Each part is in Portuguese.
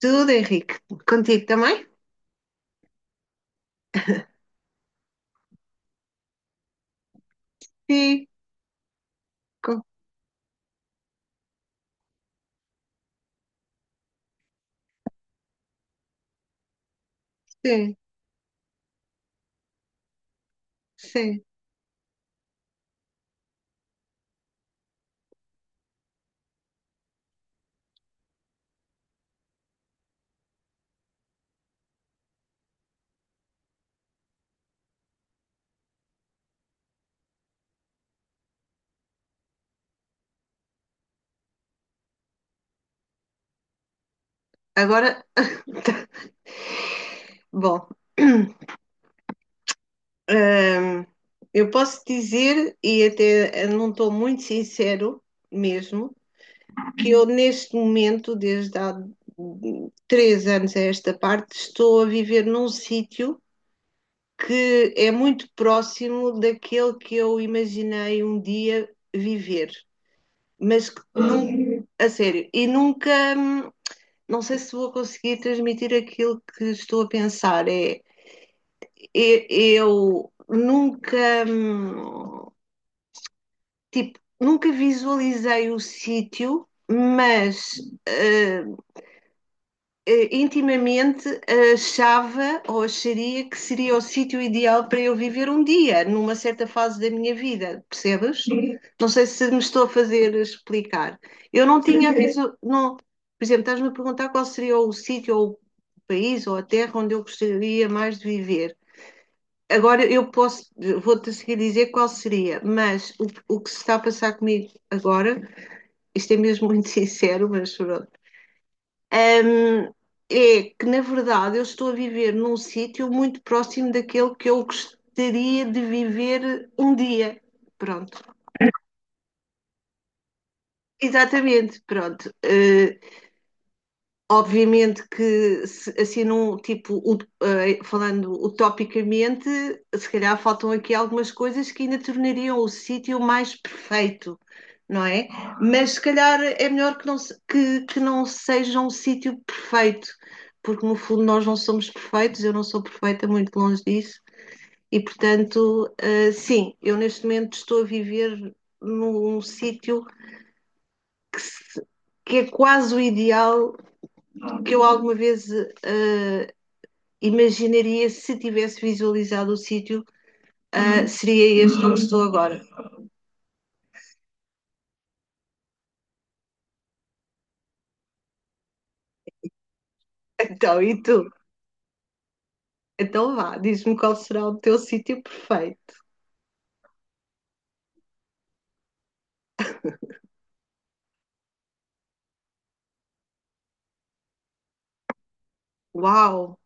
Tudo, Henrique. Contigo também? Sim, com- sim, sim. Agora, tá. Bom, hum, eu posso dizer, e até não estou muito sincero mesmo, que eu neste momento, desde há 3 anos a esta parte, estou a viver num sítio que é muito próximo daquele que eu imaginei um dia viver, mas que nunca, a sério, e nunca. hum, não sei se vou conseguir transmitir aquilo que estou a pensar. É, eu nunca, hum, tipo, nunca visualizei o sítio, mas eh, intimamente achava ou acharia que seria o sítio ideal para eu viver um dia, numa certa fase da minha vida, percebes? Sim. Não sei se me estou a fazer explicar. Eu não tinha a não, por exemplo, estás-me a perguntar qual seria o sítio ou o país ou a terra onde eu gostaria mais de viver. Agora eu posso, vou-te a seguir dizer qual seria, mas o que se está a passar comigo agora, isto é mesmo muito sincero, mas pronto. Ahm, É que, na verdade, eu estou a viver num sítio muito próximo daquele que eu gostaria de viver um dia. Pronto. Exatamente, pronto. Obviamente que, assim, num, tipo, falando utopicamente, se calhar faltam aqui algumas coisas que ainda tornariam o sítio mais perfeito, não é? Mas se calhar é melhor que não, que não seja um sítio perfeito, porque no fundo nós não somos perfeitos, eu não sou perfeita, muito longe disso, e portanto, sim, eu neste momento estou a viver num sítio que é quase o ideal que eu alguma vez eh, imaginaria se tivesse visualizado o sítio. Ah, seria este onde estou agora. Então, e tu? Então vá, diz-me qual será o teu sítio perfeito. Uau!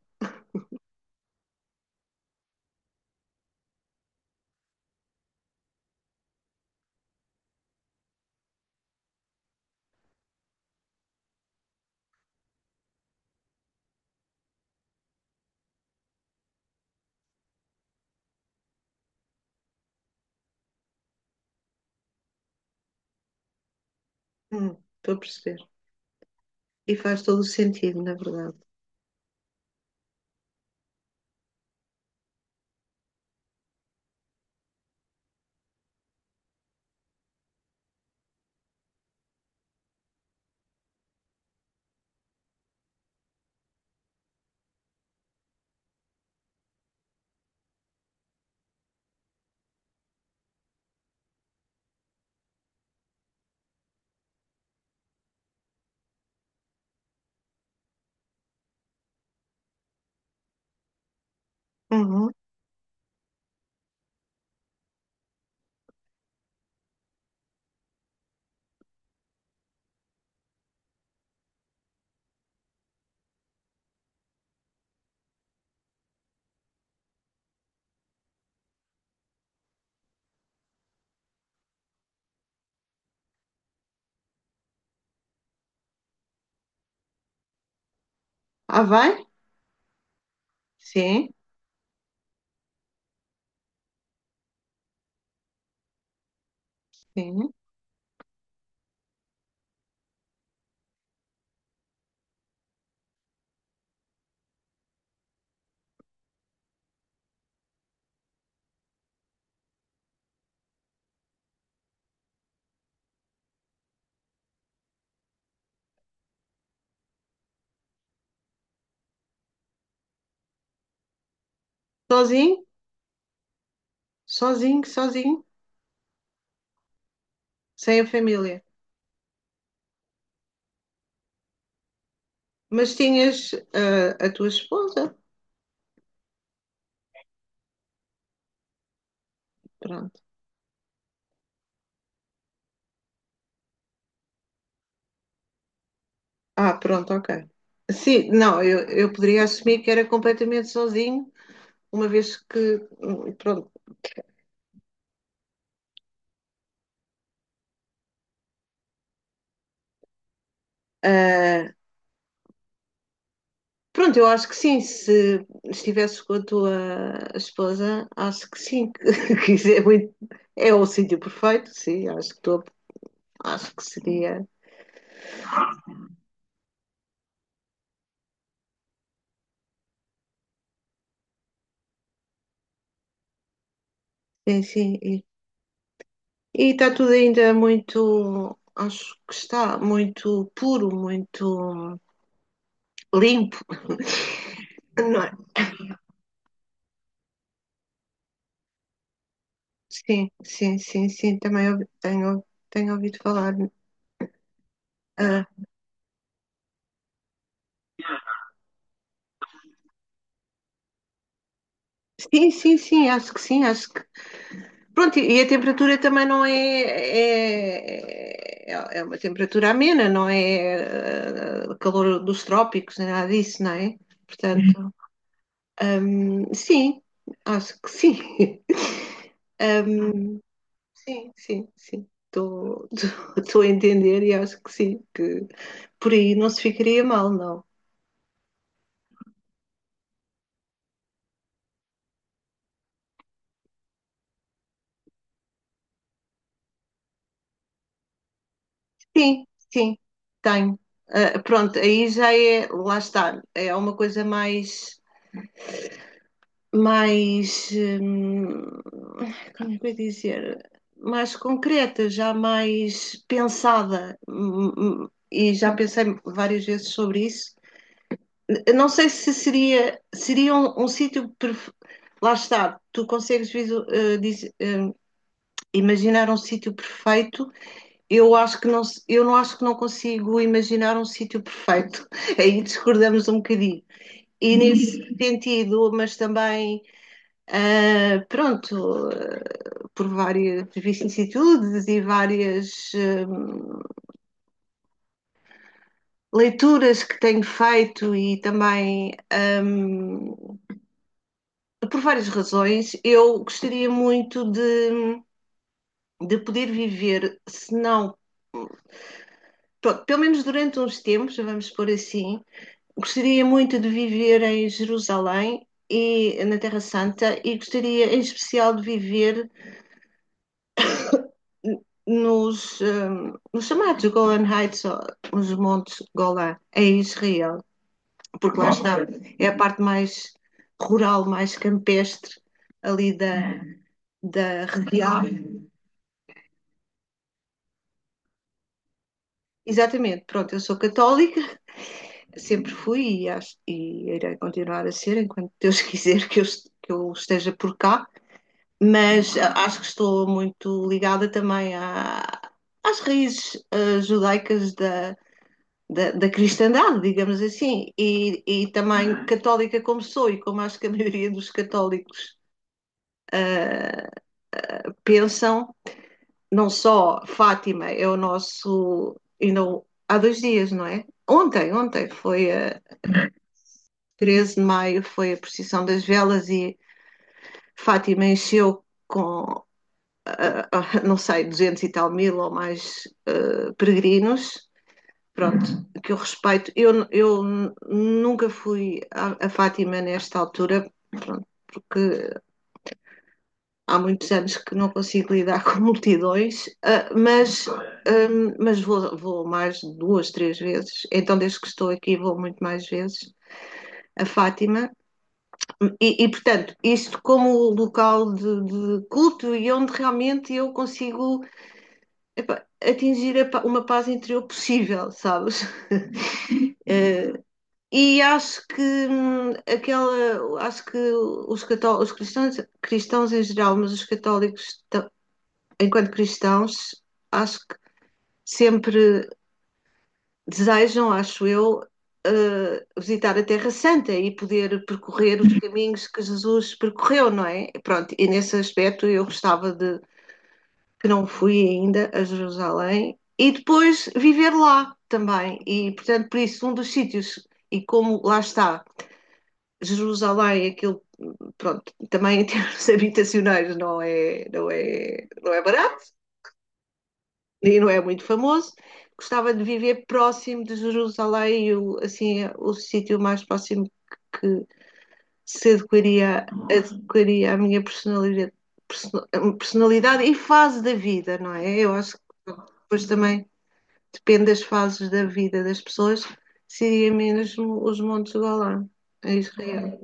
Hum, estou a perceber. E faz todo o sentido, na verdade. Uhum. Ah, vai? Sim, sim. Sozinho? Sozinho, sozinho, sem a família. Mas tinhas a tua esposa? Pronto. Ah, pronto, ok. Sim, não, eu poderia assumir que era completamente sozinho, uma vez que, pronto. Ah, pronto, eu acho que sim. Se estivesse com a tua esposa, acho que sim. Que isso é, é o sítio perfeito, sim. Acho que, acho que seria. Sim, sim. E está tudo ainda muito. Acho que está muito puro, muito limpo, não é? Sim, sim, sim, sim. Também tenho, tenho ouvido falar. Ah, sim, sim, sim. Acho que sim. Acho que pronto, e a temperatura também não é, é, é é uma temperatura amena, não é calor dos trópicos, nem nada disso, não é? Portanto, sim, acho que sim. Sim, sim, sim. Estou estou a entender e acho que sim, que por aí não se ficaria mal, não. Sim, sim, tenho. Ah, pronto, aí já é, lá está, é uma coisa mais, mais, como é que eu ia dizer, mais concreta, já mais pensada. E já pensei várias vezes sobre isso. Eu não sei se seria, seria um, um sítio. Lá está, tu consegues imaginar um sítio perfeito. Eu acho que não, eu não acho que não consigo imaginar um sítio perfeito. Aí discordamos um bocadinho. E nesse sentido, mas também, ah, pronto, por várias vicissitudes e várias leituras que tenho feito e também um, por várias razões, eu gostaria muito de poder viver, se não, pelo menos durante uns tempos, vamos pôr assim, gostaria muito de viver em Jerusalém e na Terra Santa e gostaria em especial de viver nos chamados Golan Heights, os montes Golan, em Israel, porque lá está, é a parte mais rural, mais campestre ali da, da região. Exatamente, pronto, eu sou católica, sempre fui e, acho, e irei continuar a ser enquanto Deus quiser que eu esteja por cá, mas acho que estou muito ligada também à, às raízes judaicas da, cristandade, digamos assim, e também católica como sou e como acho que a maioria dos católicos pensam, não só Fátima é o nosso, ainda há 2 dias, não é? Ontem, ontem foi a 13 de maio, foi a procissão das velas e Fátima encheu com, ah, ah, não sei, 200 e tal mil ou mais peregrinos. Pronto, que eu respeito. Eu nunca fui a Fátima nesta altura, pronto, porque há muitos anos que não consigo lidar com multidões, mas, vou, vou mais duas, três vezes. Então, desde que estou aqui, vou muito mais vezes a Fátima. E, portanto, isto como local de culto e onde realmente eu consigo, epa, atingir a, uma paz interior possível, sabes? uh, e acho que aquela, acho que os cristãos, cristãos em geral, mas os católicos enquanto cristãos, acho que sempre desejam, acho eu, visitar a Terra Santa e poder percorrer os caminhos que Jesus percorreu, não é? Pronto, e nesse aspecto eu gostava de que não fui ainda a Jerusalém e depois viver lá também. E, portanto, por isso, um dos sítios, e como lá está, Jerusalém, aquilo, pronto, também em termos habitacionais não é, não é, não é barato e não é muito famoso. Gostava de viver próximo de Jerusalém, o, assim, o sítio mais próximo que se adequaria, adequaria à minha personalidade, personalidade e fase da vida, não é? Eu acho que depois também depende das fases da vida das pessoas, seria mesmo os Montes Golã, em Israel.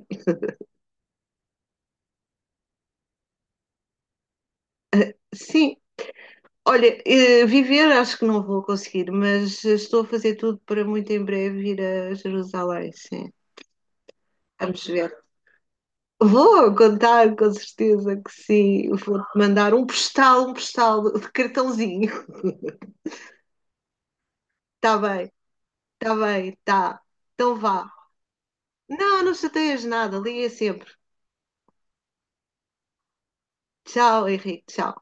Sim, olha, viver acho que não vou conseguir, mas estou a fazer tudo para muito em breve ir a Jerusalém, sim. Vamos ver. Vou contar, com certeza que sim. Vou-te mandar um postal de cartãozinho. Está bem, está bem, está. Então vá. Não, não chateias nada, liga sempre. Tchau, Henrique, tchau.